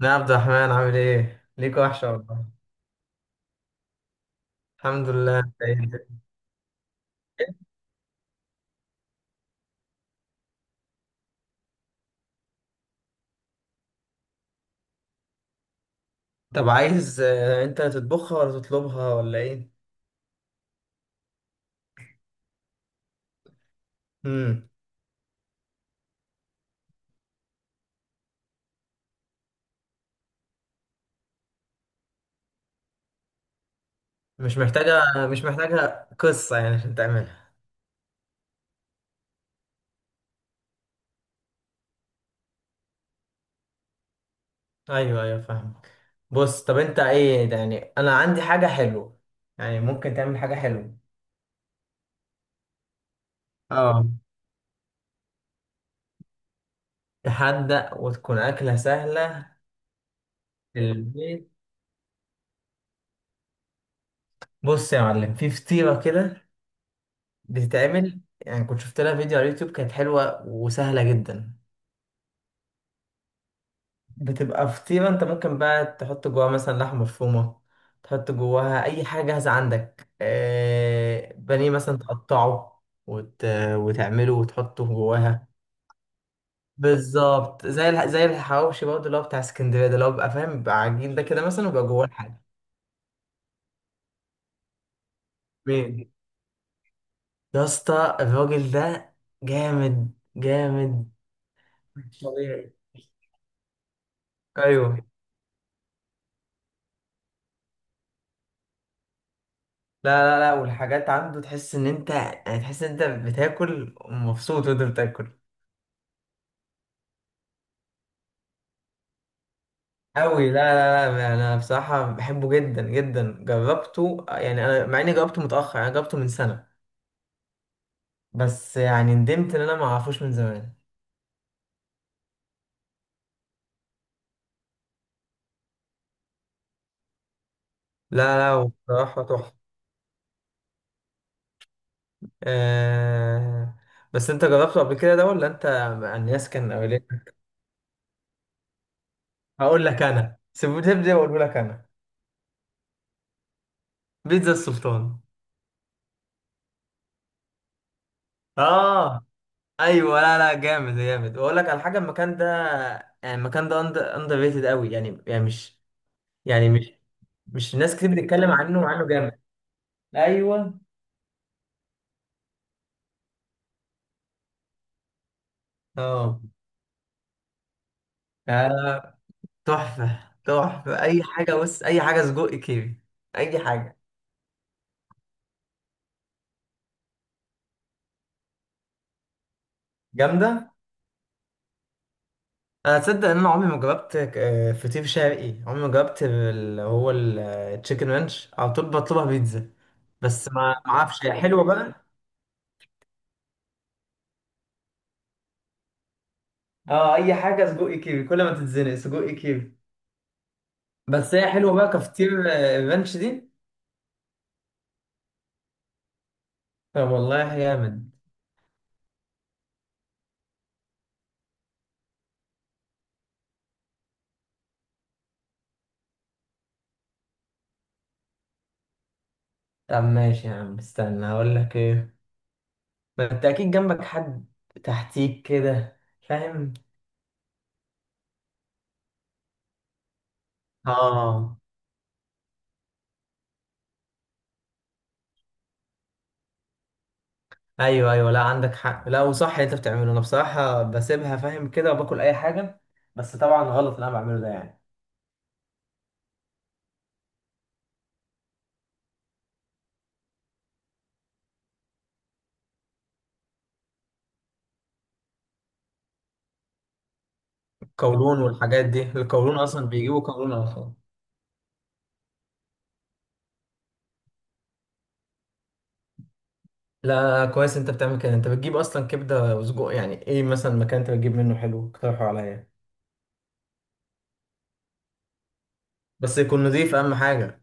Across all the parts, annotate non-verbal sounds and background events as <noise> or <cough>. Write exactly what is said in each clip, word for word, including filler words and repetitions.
لا يا عبد الرحمن، عامل ايه؟ ليك وحشة والله. الحمد لله، انت ايه؟ طب عايز آه، انت تطبخها ولا تطلبها ولا ايه؟ امم مش محتاجة، مش محتاجة قصة يعني عشان تعملها. ايوه ايوه، فاهمك. بص، طب انت ايه ده؟ يعني انا عندي حاجة حلوة، يعني ممكن تعمل حاجة حلوة. اه، تحدق وتكون أكلة سهلة. في البيت. بص يا معلم، في فطيرة كده بتتعمل، يعني كنت شفت لها فيديو على اليوتيوب، كانت حلوة وسهلة جدا. بتبقى فطيرة انت ممكن بقى تحط جواها مثلا لحمة مفرومة، تحط جواها اي حاجة جاهزة عندك، آه بانيه مثلا تقطعه وت... وتعمله وتحطه جواها. بالظبط زي الح... زي الحواوشي برضه اللي هو بتاع اسكندرية ده، اللي هو بيبقى فاهم بيبقى عجين ده كده مثلا ويبقى جواه الحاجة. مين؟ يا اسطى الراجل ده جامد جامد، مش طبيعي. ايوه. لا لا لا، والحاجات عنده تحس ان انت يعني تحس ان انت بتاكل مبسوط وانت بتاكل. أوي. لا لا، لا أنا بصراحة بحبه جدا جدا، جربته يعني، أنا مع إني جربته متأخر، أنا جربته من سنة، بس يعني ندمت إن أنا ما أعرفوش من زمان. لا لا، بصراحة تحفة. آه. بس أنت جربته قبل كده ده ولا أنت مع الناس كان أولين؟ هقول لك أنا، سيبوني تبدأ وأقوله لك أنا. بيتزا السلطان. آه، أيوه. لا لا، جامد جامد، وأقول لك على حاجة. المكان ده، يعني المكان ده أندر ريتد أوي، يعني يعني مش يعني مش، مش ناس كتير بتتكلم عنه، وعنه جامد. ايوه. اه. آه، تحفة. تحفة أي حاجة، بص أي حاجة سجق كيري، أي حاجة. جامدة. أنا تصدق إن أنا عمري ما جربت آه، فطير شرقي؟ عمري ما جربت اللي هو التشيكن رانش، على طول بطلبها بيتزا، بس ما ما أعرفش هي حلوة بقى. اه، أي حاجة سجق كيري، كل ما تتزنق سجق كيري. بس هي حلوة بقى كفطير آه، الرانش دي؟ طب والله جامد. طب ماشي يا عم، استنى هقول لك إيه. ما انت اكيد جنبك حد، تحتيك كده، فاهم. اه. ايوه ايوه، لا عندك حق، لا وصح اللي انت بتعمله. انا بصراحه بسيبها فاهم كده وباكل اي حاجه، بس طبعا غلط اللي انا بعمله ده يعني. القولون والحاجات دي، القولون اصلا بيجيبوا قولون اصلا. لا كويس انت بتعمل كده. انت بتجيب اصلا كبده وسجق يعني، ايه مثلا مكان انت بتجيب منه حلو اقترحه عليا، بس يكون نضيف اهم حاجه.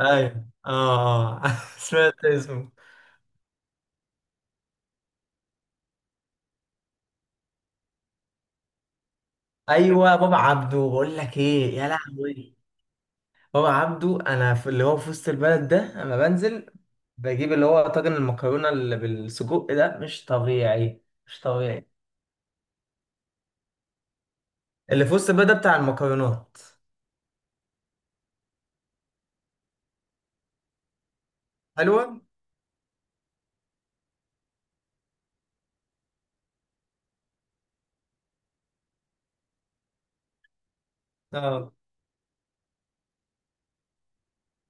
ايوه. اه. <laughs> اه. سمعت اسمه. ايوه، بابا عبده، بقول لك ايه يا لهوي. بابا عبده انا في اللي هو في وسط البلد ده، انا بنزل بجيب اللي هو طاجن المكرونه اللي بالسجق ده، مش طبيعي مش طبيعي. اللي في وسط البلد ده بتاع المكرونات. حلوه. اه،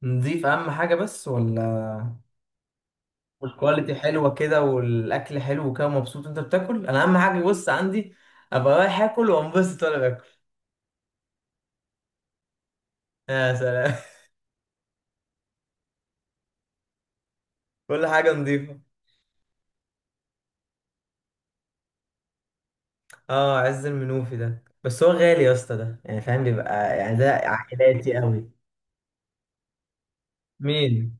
نضيف اهم حاجه بس ولا؟ والكواليتي حلوه كده والاكل حلو كده، ومبسوط انت بتاكل. انا اهم حاجه، بص عندي، ابقى رايح اكل وانبسط وانا باكل. يا سلام. <laughs> كل حاجه نضيفه. اه عز المنوفي ده، بس هو غالي يا اسطى ده، يعني فاهم بيبقى يعني ده عائلاتي قوي. مين؟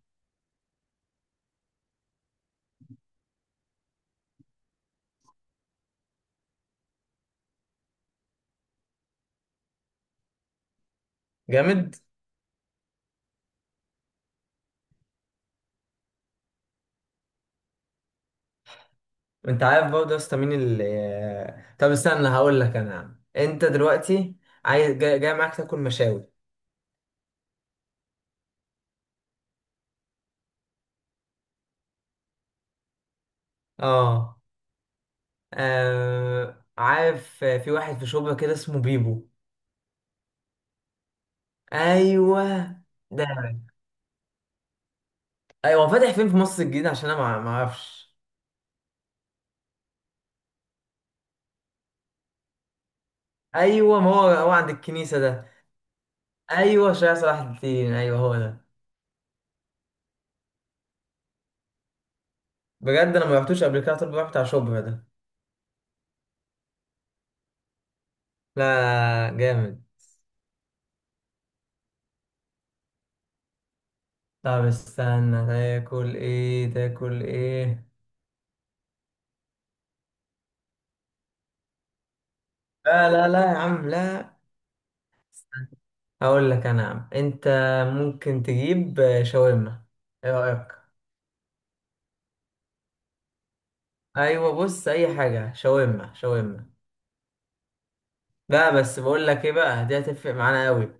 جامد. انت عارف برضه يا اسطى مين اللي، طب استنى هقول لك انا يا عم. انت دلوقتي عايز جاي، جاي معاك تاكل مشاوي. اه. آه، عارف في واحد في شبرا كده اسمه بيبو. ايوه ده. ايوه فاتح فين في مصر الجديدة؟ عشان انا ما ما اعرفش. ايوه، ما هو هو عند الكنيسة ده. ايوه شارع صلاح الدين، ايوه هو ده. بجد انا ما رحتوش قبل كده، طب رحت على شبرا ده؟ لا جامد. طب استنى، تاكل ايه تاكل ايه؟ لا لا لا يا عم، لا. هقول لك انا يا عم، انت ممكن تجيب آه، شاورما، ايه رايك؟ ايوه بص، اي حاجه شاورما شاورما. لا بس بقول لك ايه بقى، دي هتفرق معانا قوي.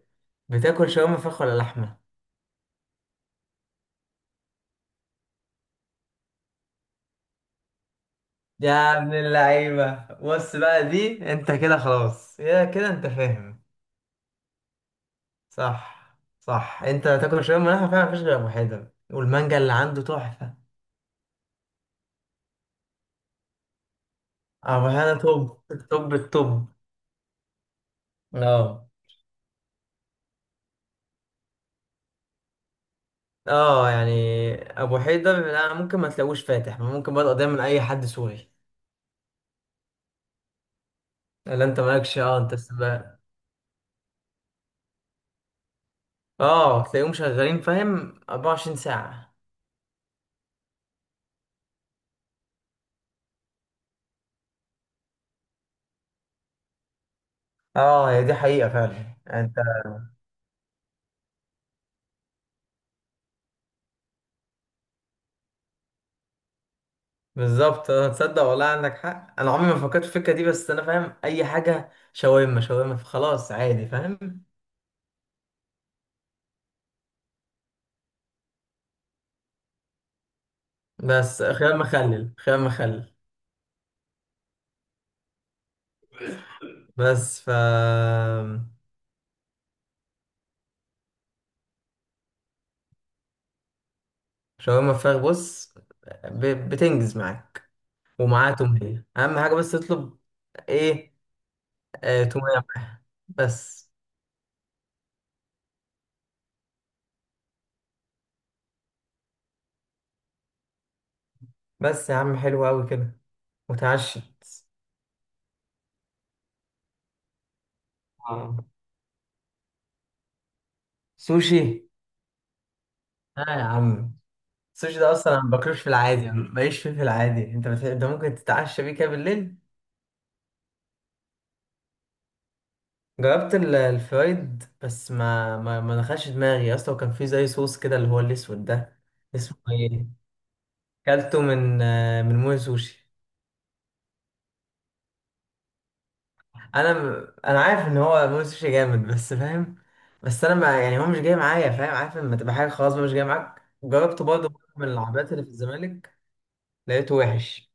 بتاكل شاورما فراخ ولا لحمه؟ يا ابن اللعيبه، بص بقى دي، انت كده خلاص يا كده انت فاهم. صح صح، انت هتاكل شاورما لحمه، فعلا مفيش غير ابو حيدر والمانجا اللي عنده تحفه. ابو حيدر توب التوب التوب. اه. اه، يعني ابو حيدر لا ممكن ما تلاقوش فاتح، ممكن بدأ دايما اي حد سوري. لا انت مالكش، اه انت السباق. اه، تلاقيهم شغالين فاهم أربعة وعشرين ساعة. اه هي دي حقيقة فعلا. يعني انت بالظبط. آه، تصدق والله عندك حق، انا عمري ما فكرت في الفكرة دي، بس انا فاهم اي حاجة شاورما شاورما فخلاص عادي فاهم. بس خيار مخلل، خيار مخلل. بس ف شاورما فراخ. بص، ب- بتنجز معاك. ومعاه تومية، أهم حاجة بس تطلب. إيه؟ آه، تومية معاها بس. بس يا عم حلو أوي كده، وتعشت. آه. سوشي. آه يا عم. السوشي ده أصلا أنا ما باكلوش في العادي، ما بقيش فيه في العادي، أنت بت... أنت ممكن تتعشى بيه كده بالليل. جربت ال- الفرايد، بس ما ما, ما دخلش دماغي أصلا، وكان فيه زي صوص كده اللي هو الأسود ده. اسمه إيه؟ كلته من آه، من موي سوشي. انا انا عارف ان هو موسيقى جامد بس فاهم، بس انا ما يعني هو مش جاي معايا فاهم، عارف لما تبقى حاجه خلاص بقى مش جاي معاك. جربته برضه مرة من العربيات اللي في الزمالك، لقيته وحش.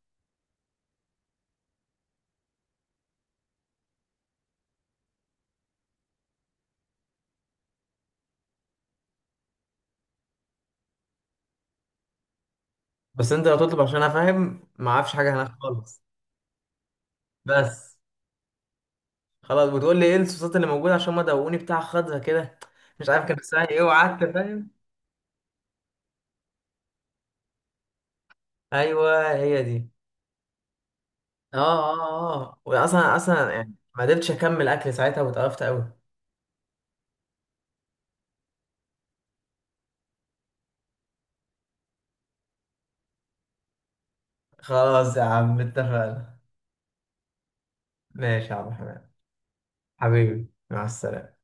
بس انت لو تطلب، عشان انا فاهم ما اعرفش حاجه هناك خالص. بس خلاص، بتقول لي ايه الصوصات اللي موجوده، عشان ما دوقوني بتاع خضرا كده، مش عارف كان اسمها ايه، وقعدت فاهم. ايوه هي دي. اه اه اه، واصلا اصلا يعني ما قدرتش اكمل اكل ساعتها، واتقرفت قوي. خلاص يا عم، اتفقنا. ماشي يا عم حماد. حبيبي، مع السلامة.